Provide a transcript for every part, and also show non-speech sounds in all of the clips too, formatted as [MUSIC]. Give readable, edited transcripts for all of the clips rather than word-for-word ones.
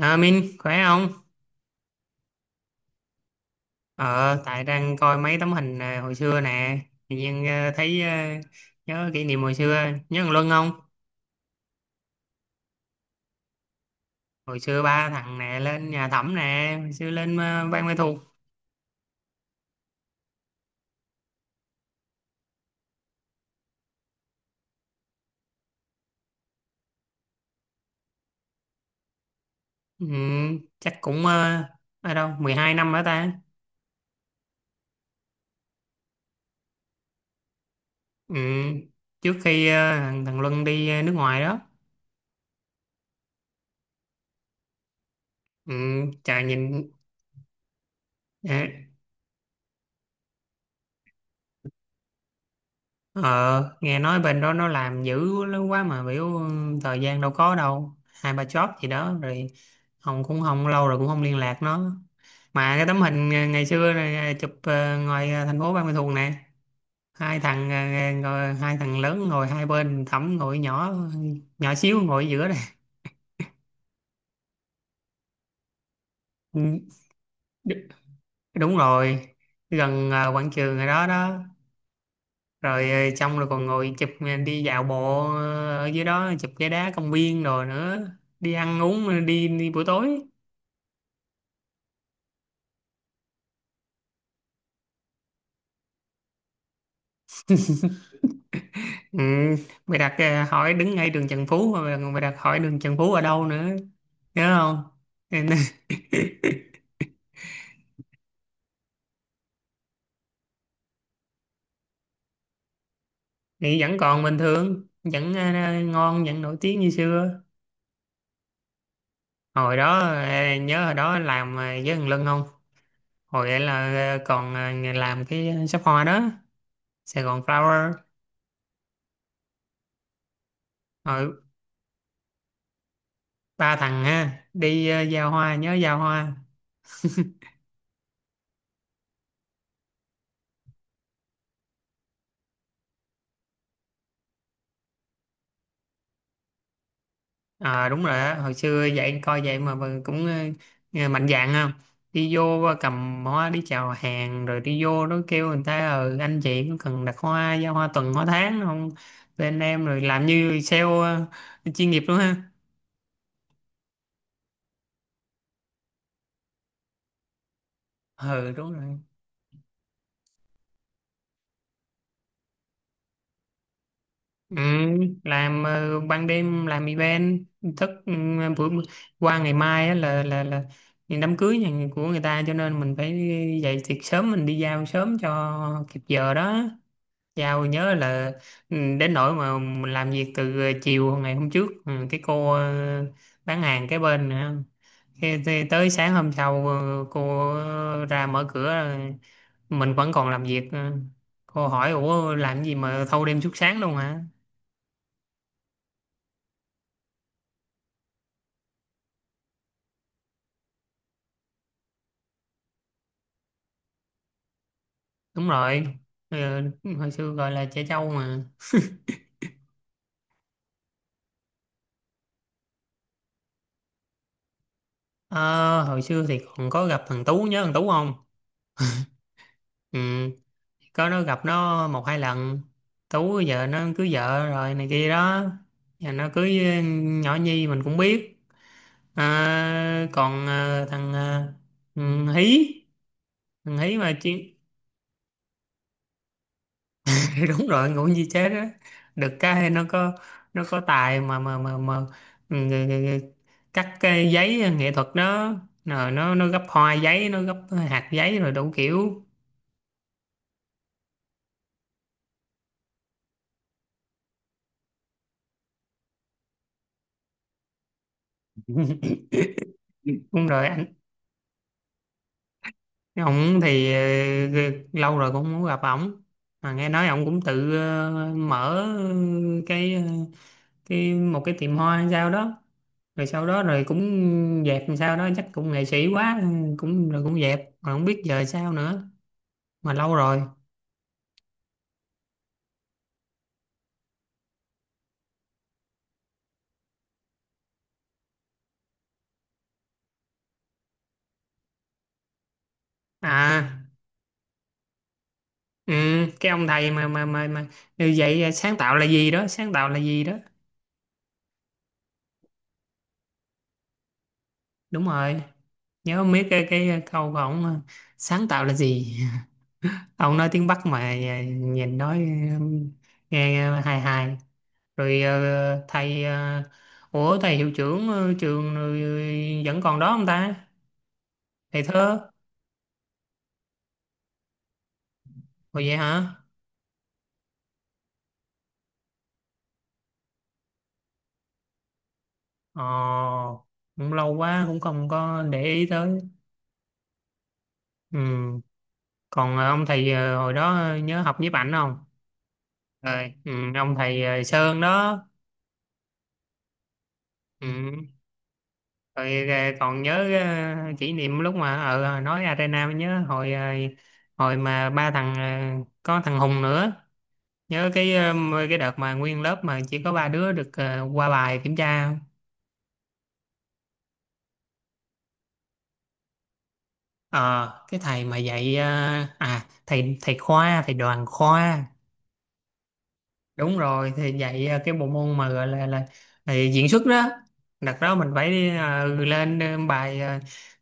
À, Minh khỏe không? Ờ, tại đang coi mấy tấm hình hồi xưa nè, tự nhiên thấy nhớ kỷ niệm hồi xưa, nhớ thằng Luân không? Hồi xưa ba thằng nè lên nhà Thẩm nè, hồi xưa lên Ban Mê Thuộc, ừ, chắc cũng ở đâu 12 năm nữa ta. Ừ, trước khi thằng thằng Luân đi nước ngoài đó, ừ, trời nhìn ờ, Ờ, nghe nói bên đó nó làm dữ lắm quá mà biểu thời gian đâu có đâu. Hai ba job gì đó rồi không cũng không lâu rồi cũng không liên lạc nó. Mà cái tấm hình ngày xưa này, chụp ngoài thành phố Ban Ma Thuột nè. Hai thằng ngồi, hai thằng lớn ngồi hai bên, Thẩm ngồi nhỏ nhỏ xíu ngồi ở giữa này. Ừ, đúng rồi, gần quảng trường rồi đó đó. Rồi xong rồi còn ngồi chụp đi dạo bộ ở dưới đó chụp cái đá công viên rồi nữa, đi ăn uống đi đi buổi tối. Ừ, mày đặt hỏi đứng ngay đường Trần Phú mà mày đặt hỏi đường Trần Phú ở đâu nữa, nhớ không? Nên- [LAUGHS] thì vẫn còn bình thường vẫn ngon vẫn nổi tiếng như xưa. Hồi đó nhớ hồi đó làm với thằng Lân không? Hồi ấy là còn làm cái shop hoa đó, Sài Gòn Flower. Rồi ba thằng ha đi giao hoa, nhớ giao hoa. À, đúng rồi á, hồi xưa vậy coi vậy mà vẫn cũng nghe mạnh dạn không? Đi vô cầm hoa đi chào hàng rồi đi vô nó kêu người ta, ờ anh chị có cần đặt hoa giao hoa tuần hoa tháng không? Bên em rồi làm như sale chuyên nghiệp luôn ha. Ừ đúng rồi. Ừ, làm ban đêm làm event, thức ừ, bữa qua ngày mai á là đám cưới nhà của người ta cho nên mình phải dậy thiệt sớm, mình đi giao sớm cho kịp giờ đó. Giao nhớ là ừ, đến nỗi mà mình làm việc từ chiều ngày hôm trước, ừ, cái cô bán hàng cái bên nữa. Khi tới sáng hôm sau cô ra mở cửa mình vẫn còn làm việc ờ. Cô hỏi ủa làm gì mà thâu đêm suốt sáng luôn hả. Đúng rồi, ờ, hồi xưa gọi là trẻ trâu mà. Ờ, hồi xưa thì còn có gặp thằng Tú, nhớ thằng Tú không? Ừ. Có nó, gặp nó một hai lần. Tú giờ nó cưới vợ rồi này kia đó, giờ nó cưới ừ, nhỏ Nhi mình cũng biết. À, còn thằng ừ, Hí, thằng Hí mà chuyện. [LAUGHS] Đúng rồi, ngủ như chết đó. Được cái nó có, nó có tài mà ừ, ừ, ừ, cắt cái giấy nghệ thuật đó, rồi nó gấp hoa giấy, nó gấp hạt giấy rồi đủ kiểu. Ừ, đúng rồi. Ông thì lâu rồi cũng muốn gặp ổng, mà nghe nói ông cũng tự mở cái cái một cái tiệm hoa hay sao đó, rồi sau đó rồi cũng dẹp làm sao đó, chắc cũng nghệ sĩ quá, cũng rồi cũng dẹp mà không biết giờ sao nữa, mà lâu rồi. À ừ, cái ông thầy mà như vậy, sáng tạo là gì đó, sáng tạo là gì đó. Đúng rồi, nhớ biết cái câu của ổng mà, sáng tạo là gì. Ông nói tiếng Bắc mà nhìn nói um, nghe hài hài. Rồi thầy ủa thầy hiệu trưởng trường vẫn còn đó không ta, thầy thơ. Rồi vậy hả. Ờ cũng lâu quá cũng không có để ý tới. Ừ. Còn ông thầy hồi đó nhớ học nhiếp ảnh không? Rồi, ừ, ông thầy Sơn đó. Ừ. Rồi còn nhớ kỷ niệm lúc mà ở nói Arena, mới nhớ hồi hồi mà ba thằng có thằng Hùng nữa, nhớ cái cái đợt mà nguyên lớp mà chỉ có ba đứa được qua bài kiểm tra không? Ờ cái thầy mà dạy à thầy thầy khoa, thầy đoàn khoa. Đúng rồi, thì dạy cái bộ môn mà gọi là diễn xuất đó. Đặt đó mình phải đi lên bài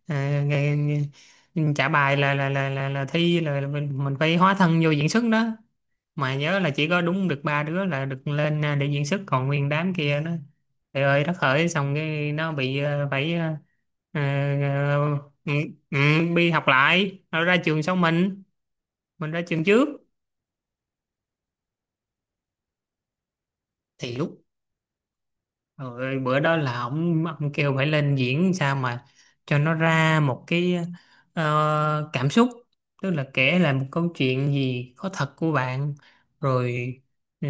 ờ, trả bài là thi là mình phải hóa thân vô diễn xuất đó. Mà nhớ là chỉ có đúng được ba đứa là được lên để diễn xuất, còn nguyên đám kia nó trời ơi đất hỡi, xong cái nó bị phải ờ, ờ, ừ, ừ, đi học lại, nó ra trường sau mình ra trường trước. Thì lúc rồi bữa đó là ông kêu phải lên diễn sao mà cho nó ra một cái cảm xúc, tức là kể lại một câu chuyện gì có thật của bạn rồi ờ,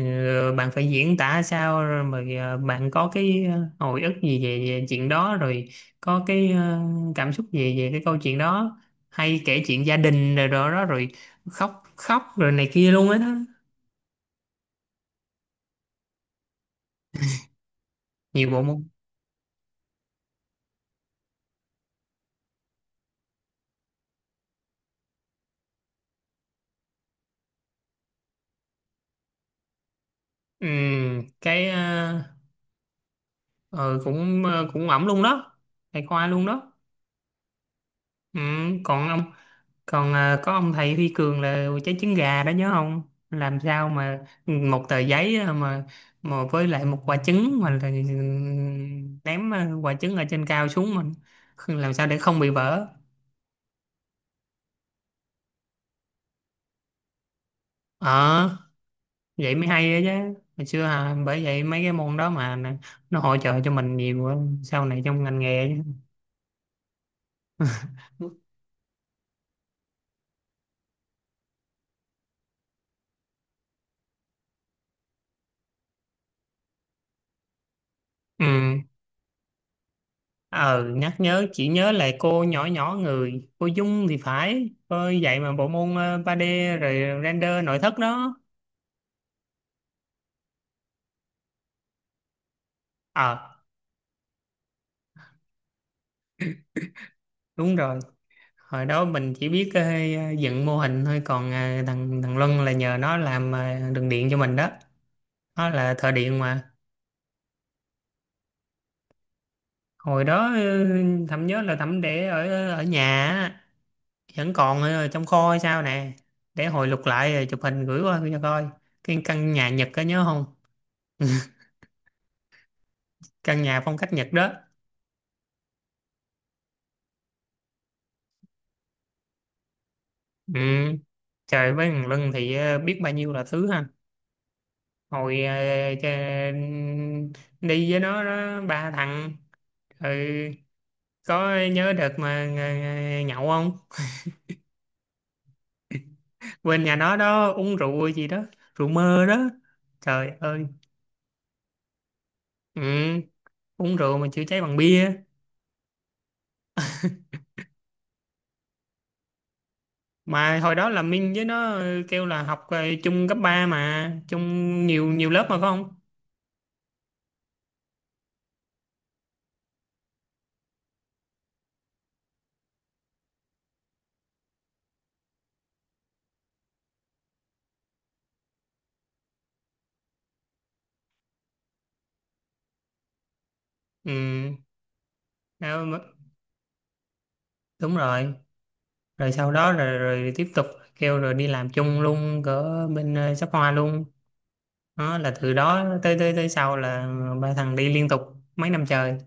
bạn phải diễn tả sao rồi mà bạn có cái hồi ức gì về, về chuyện đó rồi có cái cảm xúc gì về cái câu chuyện đó, hay kể chuyện gia đình rồi đó, đó rồi khóc khóc rồi này kia luôn á đó. Nhiều bộ môn. ừ, cái ờ, ờ, Cũng cũng ổng luôn đó, thầy khoa luôn đó. Ừ, còn ông, còn có ông thầy Huy Cường là trái trứng gà đó, nhớ không? Làm sao mà một tờ giấy mà với lại một quả trứng mà là ném quả trứng ở trên cao xuống, mình làm sao để không bị vỡ. Ờ vậy mới hay đó chứ, hồi xưa bởi vậy mấy cái môn đó mà nó hỗ trợ cho mình nhiều á, sau này trong ngành nghề chứ. Ừ ờ nhắc nhớ, chỉ nhớ lại cô nhỏ nhỏ người, cô Dung thì phải, cô dạy mà bộ môn 3D rồi render nội thất đó. Ờ đúng rồi, hồi đó mình chỉ biết dựng mô hình thôi, còn thằng thằng Luân là nhờ nó làm đường điện cho mình đó, nó là thợ điện mà. Hồi đó thẩm nhớ là thẩm để ở ở nhà á, vẫn còn ở trong kho hay sao nè, để hồi lục lại rồi chụp hình gửi qua cho coi. Cái căn nhà Nhật có nhớ không, căn nhà phong cách Nhật đó. Ừ trời, với thằng Lân thì biết bao nhiêu là thứ ha. Hồi cha- đi với nó ba thằng rồi, có nhớ đợt mà nhậu không? [LAUGHS] Quên nhà nó đó uống rượu gì đó, rượu mơ đó. Trời ơi. Ừ, uống rượu mà chữa cháy bằng bia. Mà hồi đó là Minh với nó kêu là học chung cấp 3 mà, chung nhiều nhiều lớp mà phải không? Ừ, đâu mà- đúng rồi. Rồi sau đó rồi, rồi tiếp tục kêu rồi đi làm chung luôn cỡ bên shop hoa luôn, đó là từ đó tới tới tới sau là ba thằng đi liên tục mấy năm trời.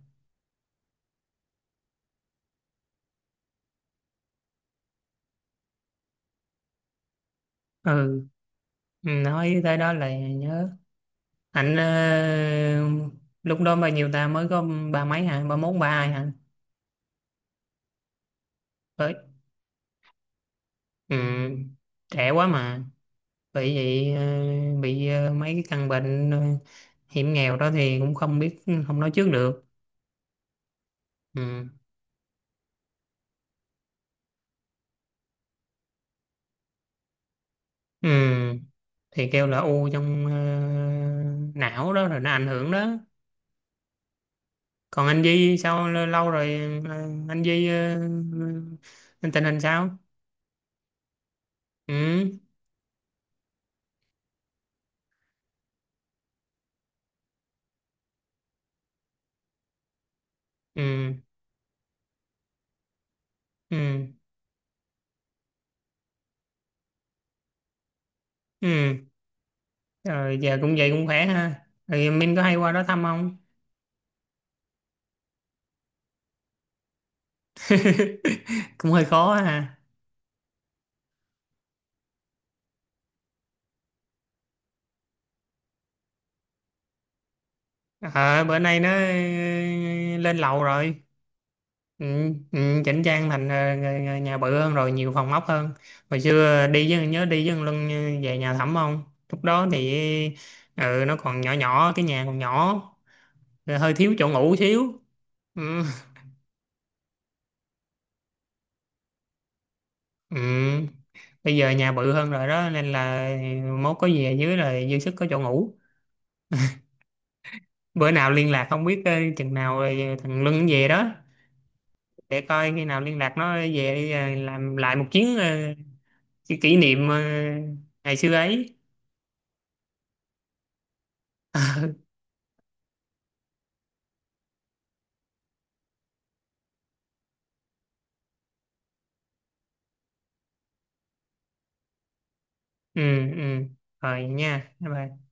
Ừ ừ, nói tới đó là nhớ ảnh lúc đó bao nhiêu ta, mới có ba mấy hả, ba mốt ba hai hả. Tới, ừ, trẻ quá mà, bị vậy bị mấy cái căn bệnh hiểm nghèo đó thì cũng không biết, không nói trước được. Ừ. Ừ. Thì kêu là u trong não đó rồi nó ảnh hưởng đó. Còn anh Di sao, lâu rồi ờ, anh Di tình hình sao. Ừ ừ ừ ừ rồi giờ cũng vậy cũng khỏe ha, rồi Minh có hay qua đó thăm không? [LAUGHS] Cũng hơi khó ha. Ờ bữa nay nó lên lầu rồi. Ừ, ừ, chỉnh trang thành nhà nhà bự hơn rồi, nhiều phòng ốc hơn. Hồi xưa đi với, nhớ đi với thằng Luân về nhà thẩm không? Lúc đó thì ừ, nó còn nhỏ nhỏ, cái nhà còn nhỏ, rồi hơi thiếu chỗ ngủ xíu. Ừ, ừ. Bây giờ nhà bự hơn rồi đó nên là mốt có gì ở dưới là dư sức có chỗ ngủ. Bữa nào liên lạc không biết chừng nào thằng Luân về đó, để coi khi nào liên lạc nó về đi, ờ, làm lại một chuyến kỷ niệm ngày xưa ấy. Ừ ừ rồi nha, bye bye.